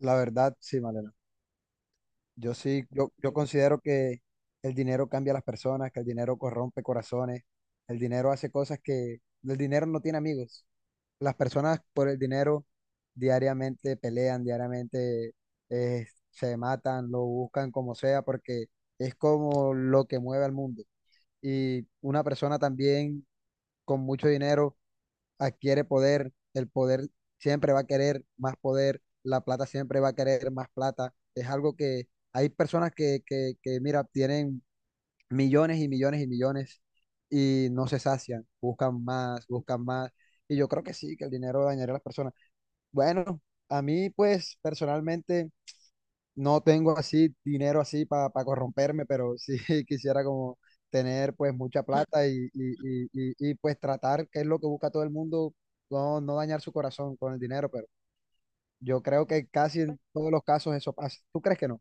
La verdad, sí, Malena. Yo sí, yo considero que el dinero cambia a las personas, que el dinero corrompe corazones, el dinero hace cosas que el dinero no tiene amigos. Las personas por el dinero diariamente pelean, diariamente se matan, lo buscan como sea, porque es como lo que mueve al mundo. Y una persona también con mucho dinero adquiere poder, el poder siempre va a querer más poder, la plata siempre va a querer más plata. Es algo que hay personas que mira, tienen millones y millones y millones y no se sacian, buscan más, buscan más. Y yo creo que sí, que el dinero dañaría a las personas. Bueno, a mí pues personalmente no tengo así dinero así para corromperme, pero sí quisiera como tener pues mucha plata y pues tratar, que es lo que busca todo el mundo, no, no dañar su corazón con el dinero, pero yo creo que casi en todos los casos eso pasa. ¿Tú crees que no?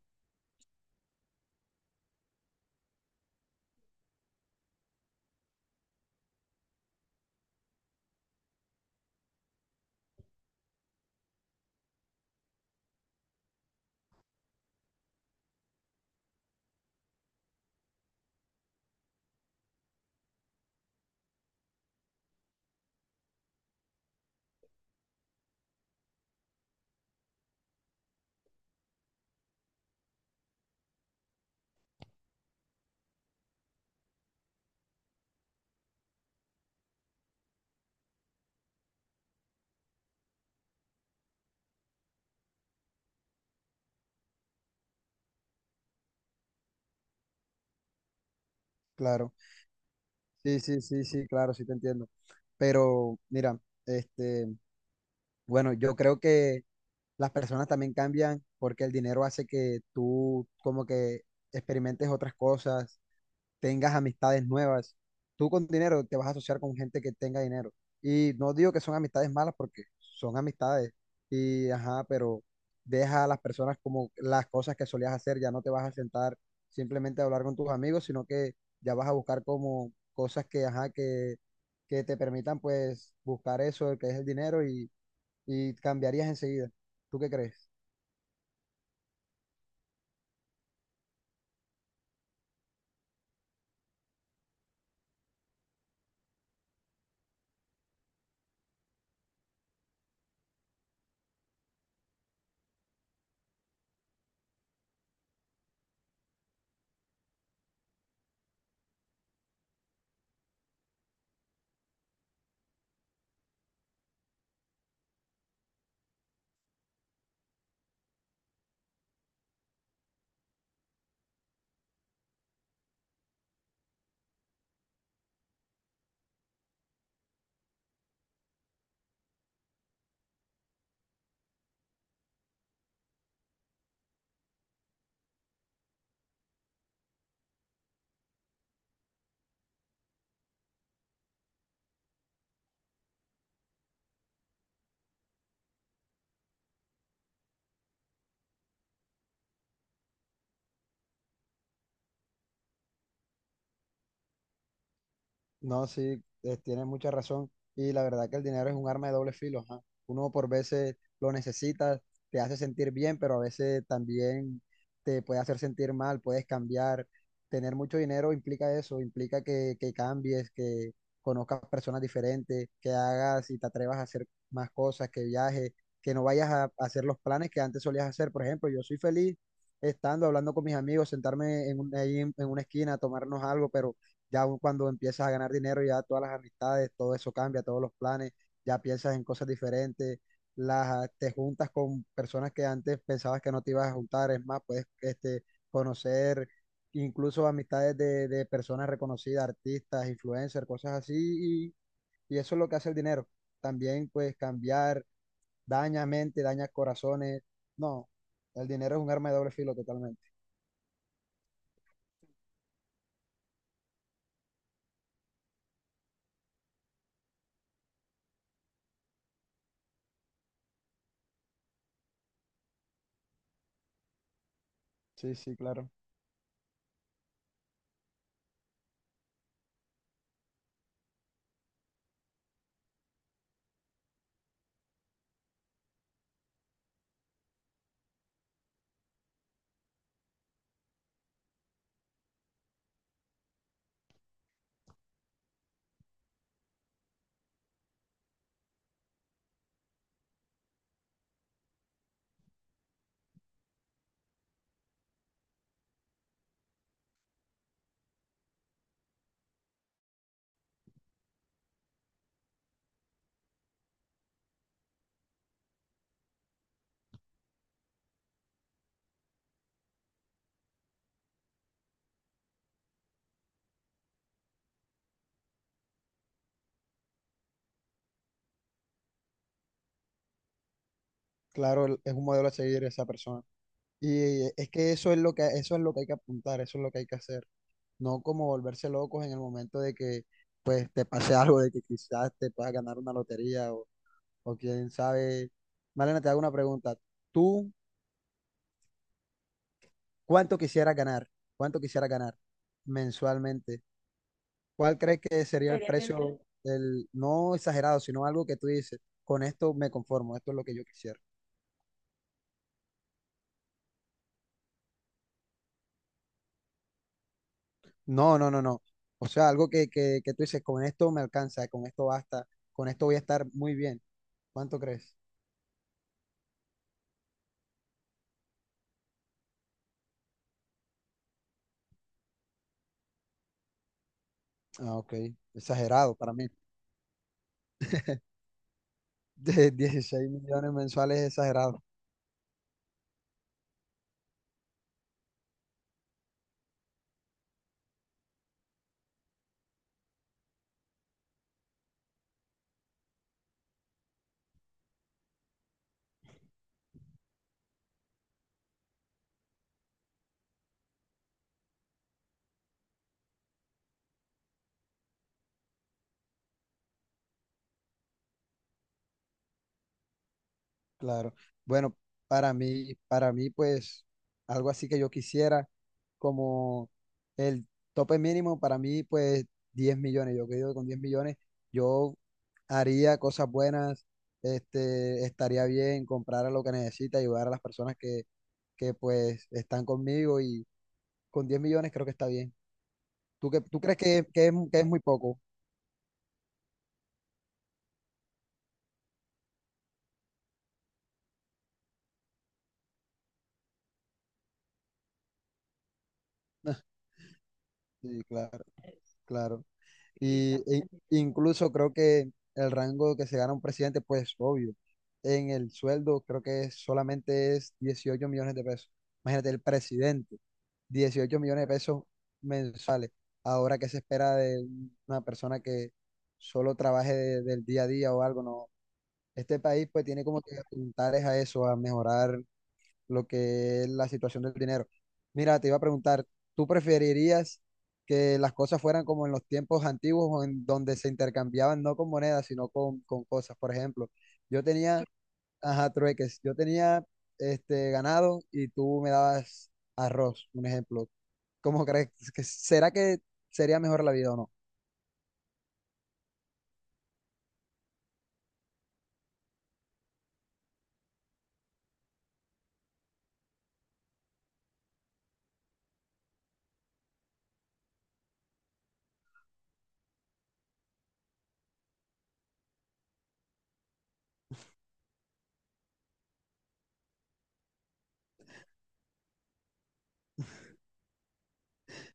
Claro. Sí, sí, sí, sí, claro, sí te entiendo. Pero mira, este, bueno, yo creo que las personas también cambian porque el dinero hace que tú como que experimentes otras cosas tengas amistades nuevas. Tú con dinero te vas a asociar con gente que tenga dinero. Y no digo que son amistades malas porque son amistades. Y ajá, pero deja a las personas como las cosas que solías hacer. Ya no te vas a sentar simplemente a hablar con tus amigos, sino que ya vas a buscar como cosas que, ajá, que te permitan pues buscar eso, que es el dinero y cambiarías enseguida. ¿Tú qué crees? No, sí, tienes mucha razón. Y la verdad que el dinero es un arma de doble filo. Ajá. Uno por veces lo necesita, te hace sentir bien, pero a veces también te puede hacer sentir mal, puedes cambiar. Tener mucho dinero implica eso, implica que cambies, que conozcas personas diferentes, que hagas y te atrevas a hacer más cosas, que viajes, que no vayas a hacer los planes que antes solías hacer. Por ejemplo, yo soy feliz estando hablando con mis amigos, sentarme ahí en una esquina, tomarnos algo, pero ya cuando empiezas a ganar dinero, ya todas las amistades, todo eso cambia, todos los planes, ya piensas en cosas diferentes, te juntas con personas que antes pensabas que no te ibas a juntar, es más, puedes conocer incluso amistades de personas reconocidas, artistas, influencers, cosas así, y eso es lo que hace el dinero. También pues cambiar, daña mente, daña corazones, no, el dinero es un arma de doble filo totalmente. Sí, sí, claro. Claro, es un modelo a seguir esa persona. Y es que eso es lo que, eso es lo que hay que apuntar, eso es lo que hay que hacer. No como volverse locos en el momento de que pues te pase algo, de que quizás te puedas ganar una lotería o quién sabe. Malena, te hago una pregunta. ¿Tú cuánto quisieras ganar? ¿Cuánto quisieras ganar mensualmente? ¿Cuál crees que sería el, seriamente, precio del, no exagerado, sino algo que tú dices, con esto me conformo, esto es lo que yo quisiera? No, no, no, no. O sea, algo que tú dices, con esto me alcanza, con esto basta, con esto voy a estar muy bien. ¿Cuánto crees? Ah, ok. Exagerado para mí. De 16 millones mensuales es exagerado, claro. Bueno, para mí, pues, algo así que yo quisiera, como el tope mínimo para mí, pues, 10 millones. Yo creo que con 10 millones yo haría cosas buenas, este, estaría bien, comprar lo que necesita, ayudar a las personas que pues, están conmigo y con 10 millones creo que está bien. ¿Tú, qué, tú crees que, que es, muy poco? Sí, claro. Claro. Sí, incluso creo que el rango que se gana un presidente, pues obvio, en el sueldo creo que solamente es 18 millones de pesos. Imagínate, el presidente, 18 millones de pesos mensuales. Ahora, ¿qué se espera de una persona que solo trabaje del día a día o algo? No. Este país pues tiene como que apuntar es a eso, a mejorar lo que es la situación del dinero. Mira, te iba a preguntar, ¿tú preferirías que las cosas fueran como en los tiempos antiguos o en donde se intercambiaban no con monedas, sino con cosas? Por ejemplo, yo tenía, ajá, trueques, yo tenía este ganado y tú me dabas arroz, un ejemplo. ¿Cómo crees que será que sería mejor la vida o no?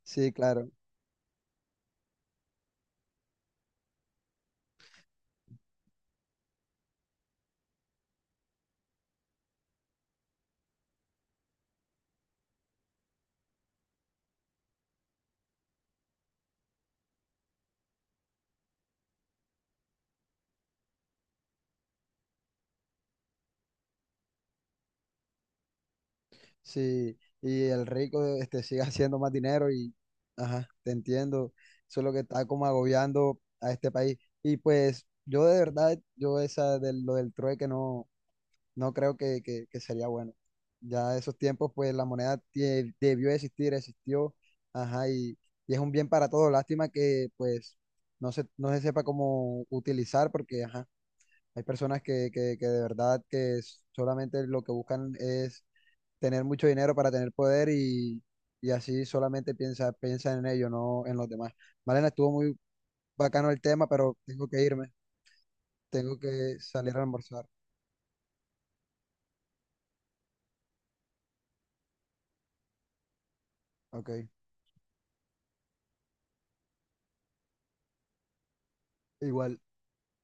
Sí, claro. Sí, y el rico este, sigue haciendo más dinero y, ajá, te entiendo, eso es lo que está como agobiando a este país. Y pues yo de verdad, yo esa de lo del trueque no, no creo que sería bueno. Ya esos tiempos, pues la moneda debió existir, existió, ajá, y es un bien para todos. Lástima que pues no se sepa cómo utilizar porque, ajá, hay personas que de verdad que solamente lo que buscan es tener mucho dinero para tener poder y así solamente piensa, piensa en ello, no en los demás. Malena, estuvo muy bacano el tema, pero tengo que irme, tengo que salir a almorzar. Ok, igual.